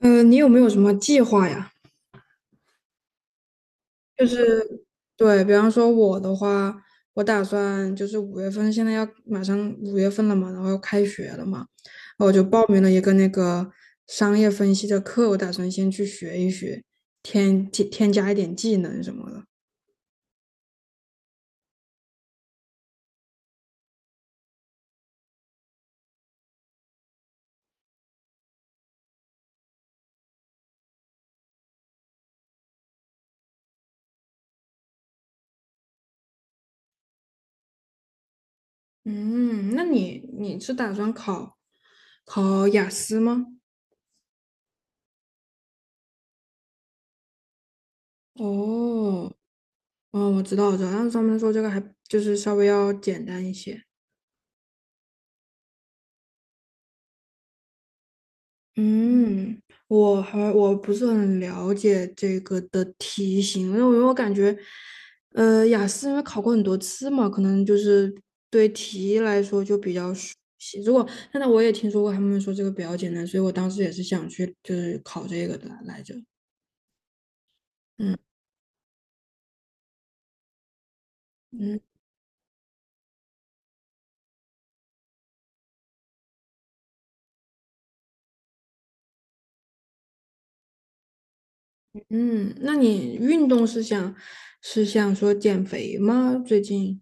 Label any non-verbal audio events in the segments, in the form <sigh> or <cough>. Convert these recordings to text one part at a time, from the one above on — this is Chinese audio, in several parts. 你有没有什么计划呀？就是对，比方说我的话，我打算就是五月份，现在要马上五月份了嘛，然后要开学了嘛，然后我就报名了一个那个商业分析的课，我打算先去学一学，添加一点技能什么的。嗯，那你是打算考考雅思吗？哦，哦，我知道，我知道，但是他们说这个还就是稍微要简单一些。嗯，我不是很了解这个的题型，因为我感觉，雅思因为考过很多次嘛，可能就是对题来说就比较熟悉。如果现在我也听说过他们说这个比较简单，所以我当时也是想去就是考这个的来着。嗯嗯嗯，那你运动想说减肥吗？最近？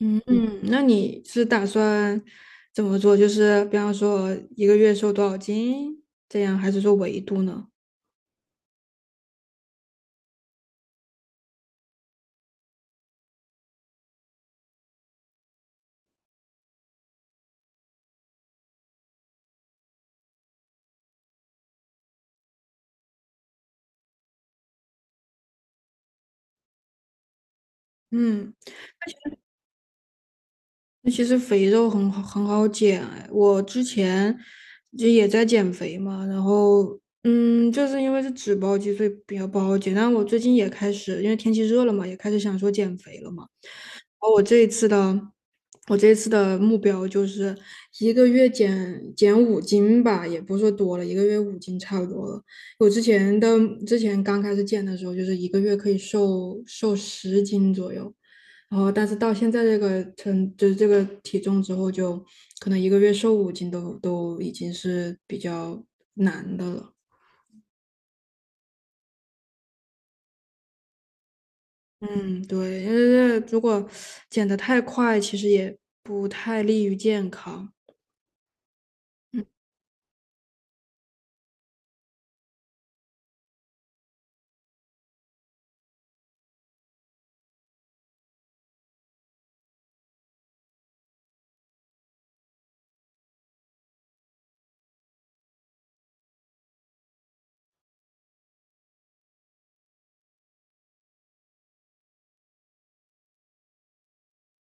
嗯嗯，那你是打算怎么做？就是比方说一个月瘦多少斤这样，还是说维度呢？嗯。那其实肥肉很好很好减哎，我之前就也在减肥嘛，然后嗯，就是因为是脂包肌，所以比较不好减。但我最近也开始，因为天气热了嘛，也开始想说减肥了嘛。然后我这一次的，我这一次的目标就是一个月减五斤吧，也不是说多了，一个月五斤差不多了。我之前的之前刚开始减的时候，就是一个月可以瘦10斤左右。然后但是到现在这个称，就是这个体重之后，就可能一个月瘦五斤都已经是比较难的了。嗯，对，因为如果减得太快，其实也不太利于健康。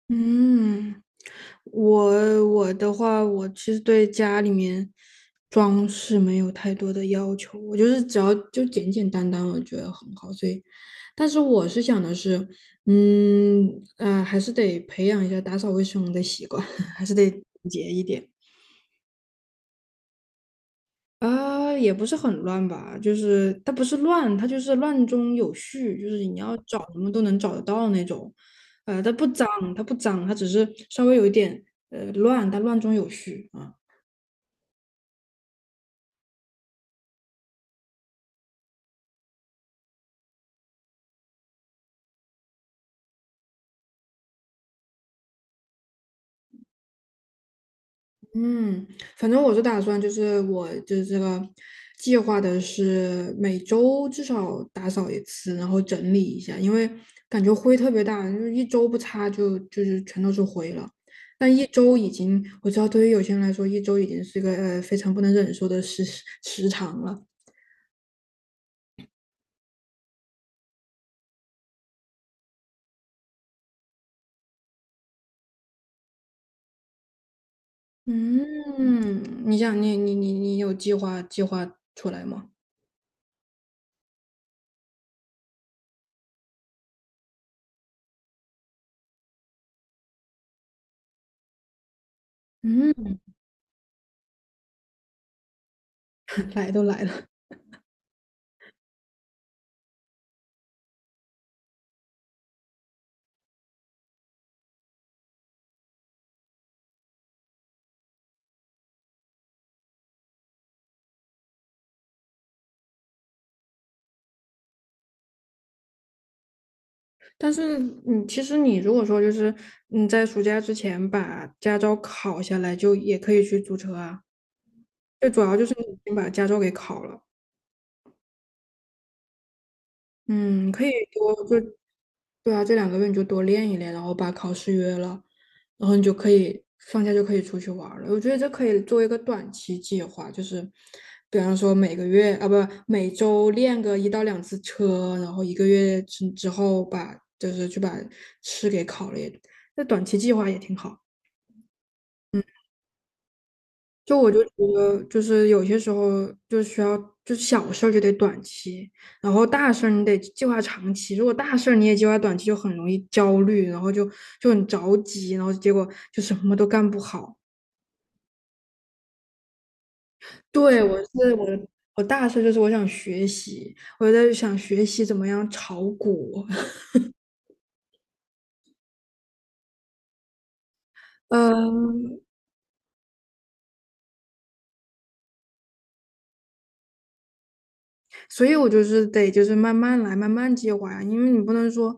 嗯，我的话，我其实对家里面装饰没有太多的要求，我就是只要就简简单单，我觉得很好。所以，但是我是想的是，嗯，还是得培养一下打扫卫生的习惯，<laughs> 还是得节一点。啊，也不是很乱吧，就是它不是乱，它就是乱中有序，就是你要找什么都能找得到那种。呃，它不脏，它不脏，它只是稍微有一点乱，但乱中有序啊。嗯，反正我是打算，就是我就是这个计划的是每周至少打扫一次，然后整理一下，因为感觉灰特别大，就是一周不擦就就是全都是灰了。但一周已经，我知道对于有些人来说，一周已经是一个非常不能忍受的时长了。嗯，你想你你你你有计划出来吗？嗯，<laughs> 来都来了。但是，你其实你如果说就是你在暑假之前把驾照考下来，就也可以去租车啊。最主要就是你先把驾照给考了。嗯，可以多就对啊，这两个月你就多练一练，然后把考试约了，然后你就可以放假就可以出去玩儿了。我觉得这可以作为一个短期计划，就是比方说每个月啊不每周练个1到2次车，然后一个月之后把就是去把试给考了也，那短期计划也挺好。就我就觉得，就是有些时候就需要，就是小事儿就得短期，然后大事儿你得计划长期。如果大事儿你也计划短期，就很容易焦虑，然后就就很着急，然后结果就什么都干不好。对，我大事就是我想学习，我在想学习怎么样炒股。<laughs> 嗯，所以我就是得就是慢慢来，慢慢计划呀，因为你不能说，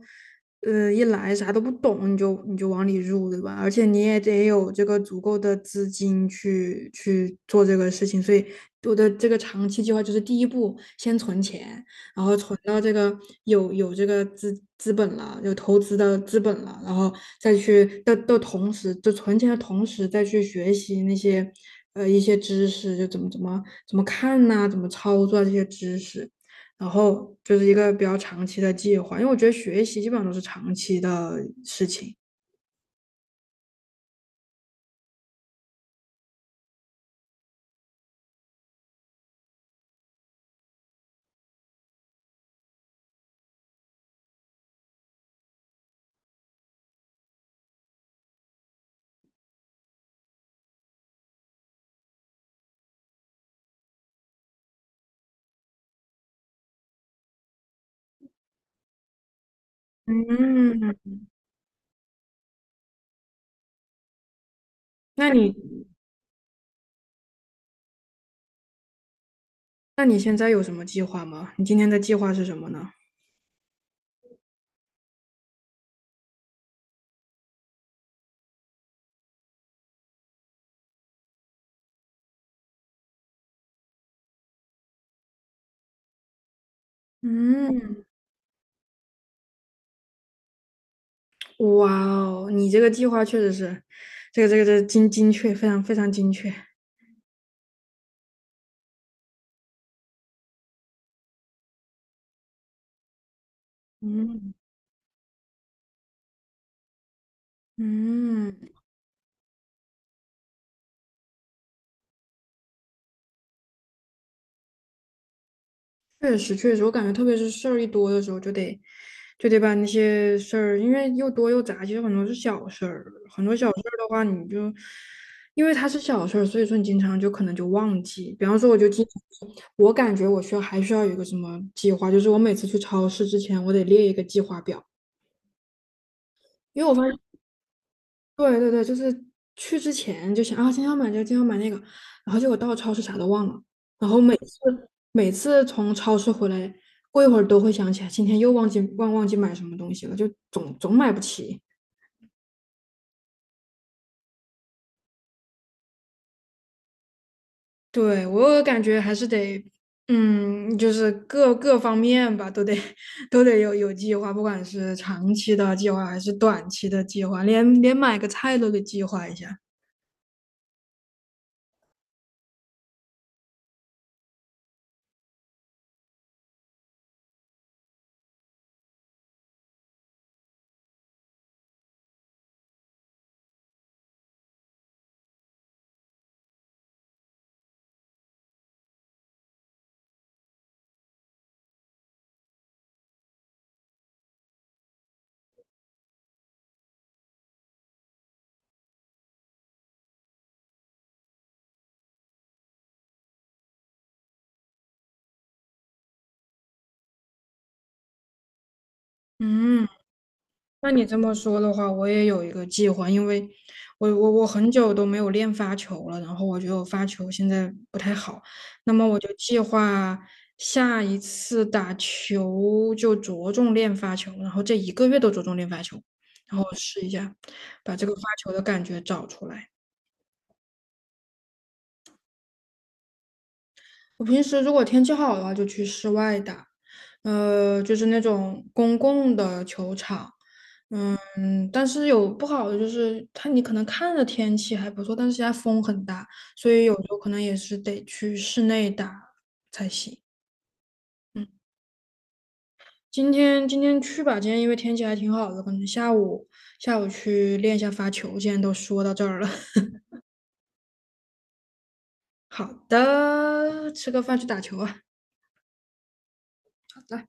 呃，一来啥都不懂你就你就往里入，对吧？而且你也得有这个足够的资金去去做这个事情，所以我的这个长期计划就是第一步先存钱，然后存到这个有这个资本了，有投资的资本了，然后再去的同时，就存钱的同时再去学习那些一些知识，就怎么看呐、怎么操作这些知识，然后就是一个比较长期的计划，因为我觉得学习基本上都是长期的事情。嗯，那你那你现在有什么计划吗？你今天的计划是什么呢？嗯。哇哦，你这个计划确实是，这个这个这个精确，非常非常精确。嗯嗯，确实确实，我感觉特别是事儿一多的时候，就得把那些事儿，因为又多又杂，其实很多是小事儿，很多小事儿的话，你就因为它是小事儿，所以说你经常就可能就忘记。比方说，我就经常，我感觉我需要有一个什么计划，就是我每次去超市之前，我得列一个计划表。因为我发现对对对，就是去之前就想啊，今天要买这个，今天要买那个，然后结果到超市啥都忘了，然后每次从超市回来，过一会儿都会想起来，今天又忘记买什么东西了，就总买不起。对，我感觉还是得，嗯，就是各方面吧，都得 <laughs> 都得有计划，不管是长期的计划还是短期的计划，连买个菜都得计划一下。嗯。那你这么说的话，我也有一个计划，因为我很久都没有练发球了，然后我觉得我发球现在不太好，那么我就计划下一次打球就着重练发球，然后这一个月都着重练发球，然后试一下把这个发球的感觉找出来。我平时如果天气好的话，就去室外打，呃，就是那种公共的球场。嗯，但是有不好的就是它，你可能看着天气还不错，但是现在风很大，所以有时候可能也是得去室内打才行。嗯，今天今天去吧，今天因为天气还挺好的，可能下午去练一下发球。既然都说到这儿了，<laughs> 好的，吃个饭去打球啊。好的。